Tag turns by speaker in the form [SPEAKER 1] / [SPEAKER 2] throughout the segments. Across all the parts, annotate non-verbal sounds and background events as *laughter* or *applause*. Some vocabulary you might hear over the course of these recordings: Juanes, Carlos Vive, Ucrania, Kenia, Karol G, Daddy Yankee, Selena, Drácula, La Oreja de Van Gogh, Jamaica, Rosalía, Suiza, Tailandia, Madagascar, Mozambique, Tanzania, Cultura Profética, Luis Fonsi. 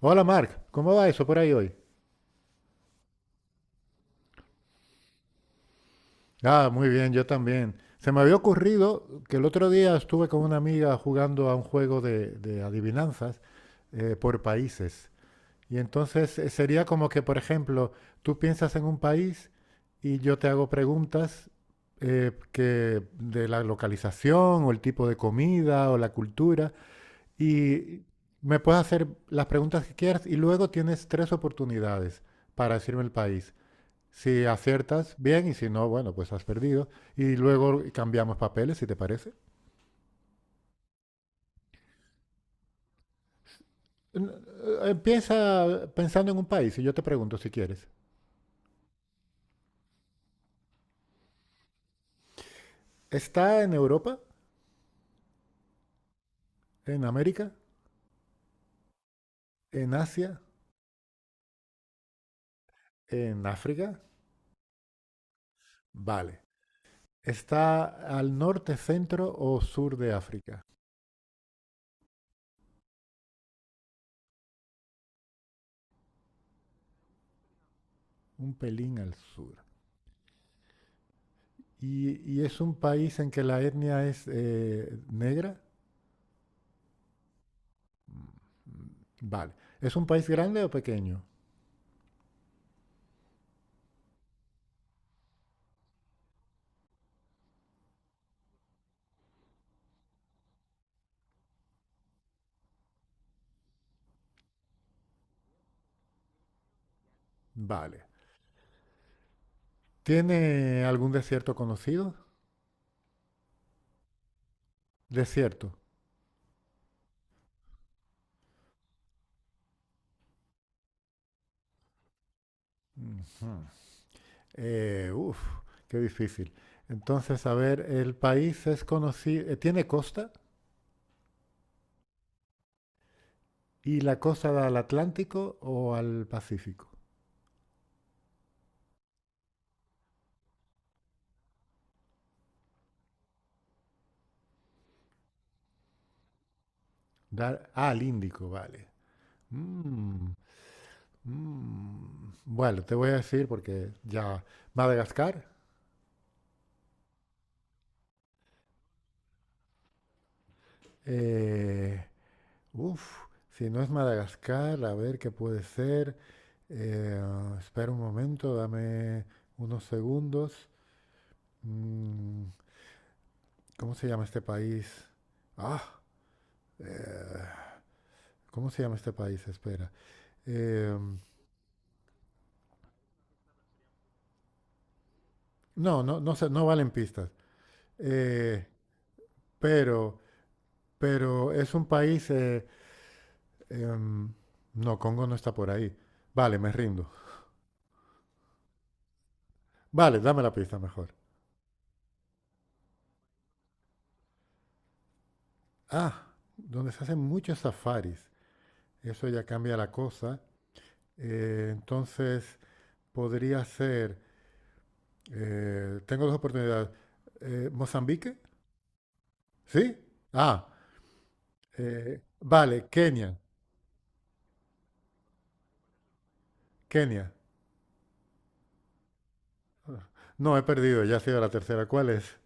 [SPEAKER 1] Hola Mark, ¿cómo va eso por ahí hoy? Ah, muy bien, yo también. Se me había ocurrido que el otro día estuve con una amiga jugando a un juego de adivinanzas por países. Y entonces sería como que, por ejemplo, tú piensas en un país y yo te hago preguntas, que de la localización o el tipo de comida o la cultura y me puedes hacer las preguntas que quieras, y luego tienes tres oportunidades para decirme el país. Si aciertas, bien, y si no, bueno, pues has perdido. Y luego cambiamos papeles, si te parece. N- Empieza pensando en un país y yo te pregunto si quieres. ¿Está en Europa? ¿En América? ¿En Asia? ¿En África? Vale. ¿Está al norte, centro o sur de África? Un pelín al sur. Y es un país en que la etnia es negra? Vale. ¿Es un país grande o pequeño? Vale. ¿Tiene algún desierto conocido? Desierto. Ujú. Eh, uf, qué difícil. Entonces, a ver, ¿el país es conocido, tiene costa? ¿Y la costa da al Atlántico o al Pacífico? Da- ah, al Índico, vale. Mm, mm. Bueno, te voy a decir porque ya, Madagascar. eh, si no es Madagascar, a ver qué puede ser. Eh, espera un momento, dame unos segundos. Mm, ¿Cómo se llama este país? Ah, eh, ¿Cómo se llama este país? Espera. Eh, no, no, no sé, no valen pistas. Eh, pero, pero es un país. Em, no, Congo no está por ahí. Vale, me rindo. Vale, dame la pista mejor. Ah, donde se hacen muchos safaris. Eso ya cambia la cosa. Entonces, podría ser. Tengo dos oportunidades. ¿Mozambique? ¿Sí? Ah, vale, Kenia, Kenia. No, he perdido, ya ha sido la tercera. ¿Cuál es?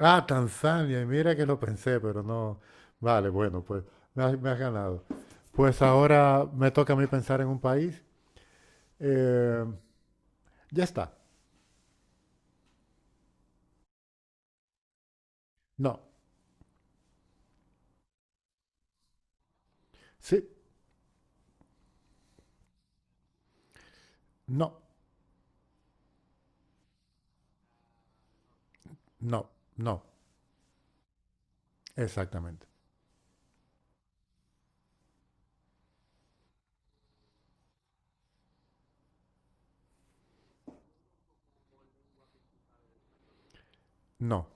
[SPEAKER 1] Ah, Tanzania. Y mira que lo pensé, pero no. Vale, bueno, pues me has ganado. Pues ahora me toca a mí pensar en un país. Eh, ya está. No. Sí. No. No. No. Exactamente. No.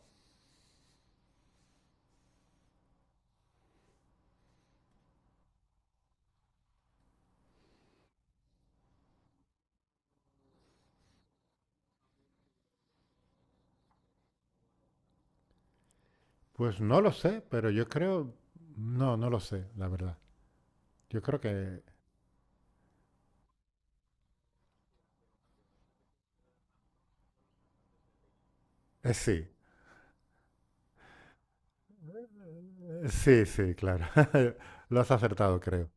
[SPEAKER 1] Pues no lo sé, pero yo creo... No, no lo sé, la verdad. Yo creo que... sí. Sí, sí, claro. *laughs* Lo has acertado, creo.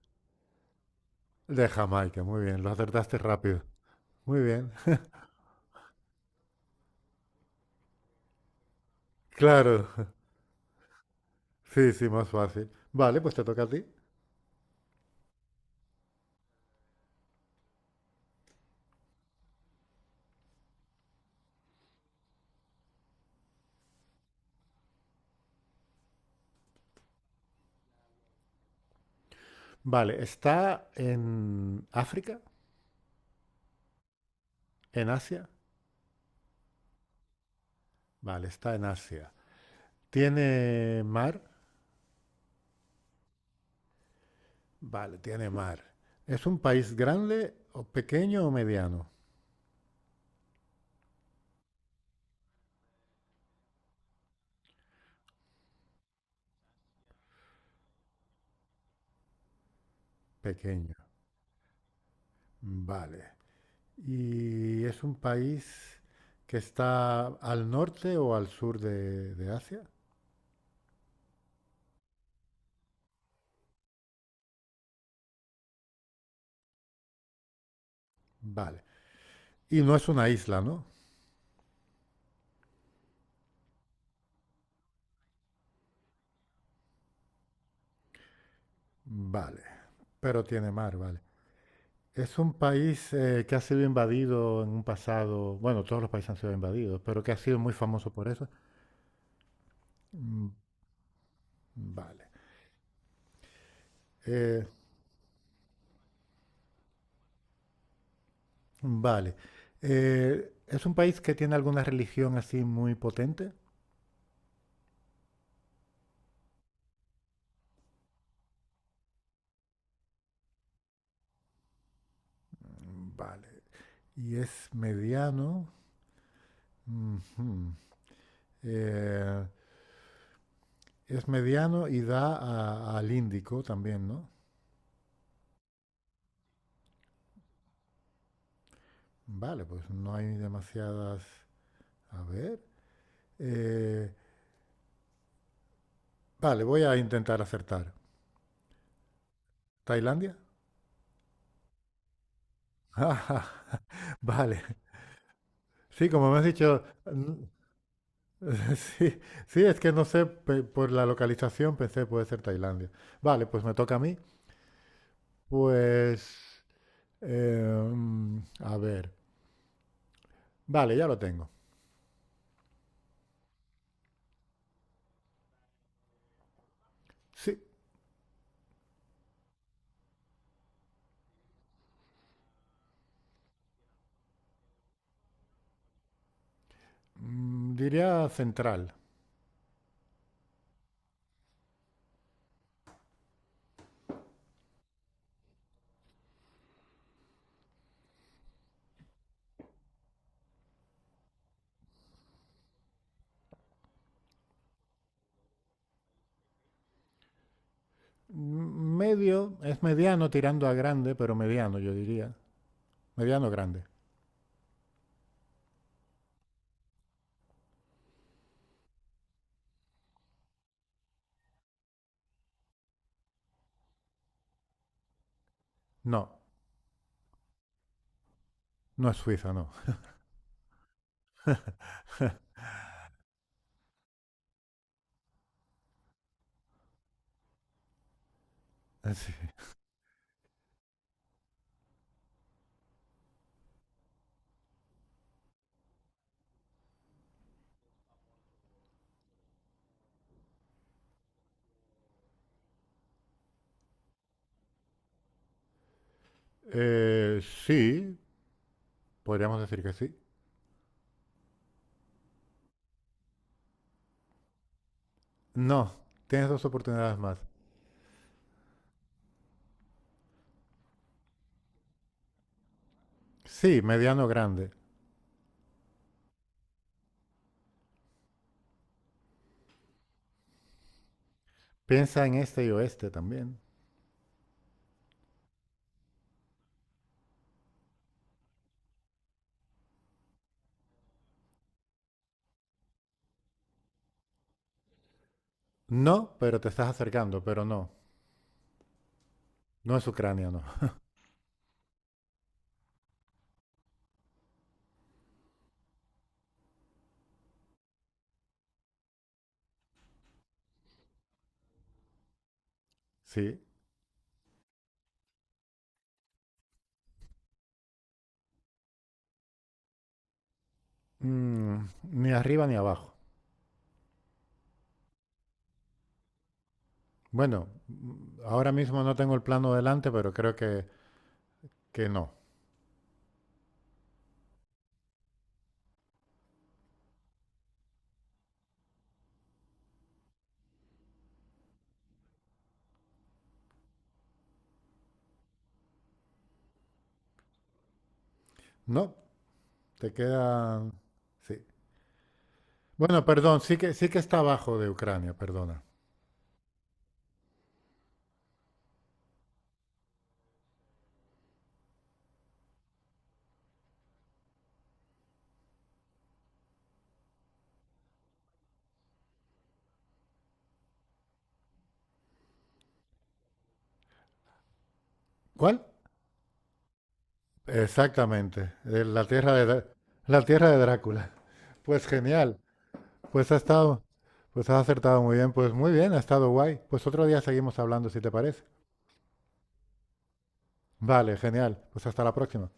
[SPEAKER 1] De Jamaica, muy bien, lo acertaste rápido. Muy bien. Claro, *laughs* sí, sí, más fácil. Vale, pues te toca a ti. Vale, ¿está en África? ¿En Asia? Vale, está en Asia. ¿Tiene mar? Vale, tiene mar. ¿Es un país grande o pequeño o mediano? Pequeño. Vale. ¿Y es un país que está al norte o al sur de Asia? Vale. Y no es una isla, ¿no? Vale. Pero tiene mar, vale. Es un país, que ha sido invadido en un pasado, bueno, todos los países han sido invadidos, pero que ha sido muy famoso por eso. Mm, vale. Eh, vale. ¿Es un país que tiene alguna religión así muy potente? Mm, vale. Y es mediano. Ujú. Eh, es mediano y da al Índico también, ¿no? Vale, pues no hay demasiadas... A ver. Eh, vale, voy a intentar acertar. ¿Tailandia? Ah, *laughs* vale. Sí, como me has dicho, mm, *laughs* sí, sí, es que no sé, por la localización pensé puede ser Tailandia. Vale, pues me toca a mí. Pues, eh, a ver, vale, ya lo tengo. Sí, diría central. Mm, medio, es mediano tirando a grande, pero mediano yo diría. Mediano grande. No, no es Suiza, no. *laughs* Sí, sí, podríamos decir que sí. No, tienes dos oportunidades más. Sí, mediano grande. Piensa en este y oeste también. No, pero te estás acercando, pero no. No es Ucrania, no. Sí. Mm, ni arriba ni abajo. Bueno, ahora mismo no tengo el plano delante, pero creo que no. No, te queda. Sí. Bueno, perdón, sí que está abajo de Ucrania, perdona. ¿Cuál? Exactamente, la tierra de, la tierra de Drácula. Pues genial. Pues ha estado, pues has acertado muy bien, pues muy bien, ha estado guay. Pues otro día seguimos hablando, si te parece. Vale, genial. Pues hasta la próxima.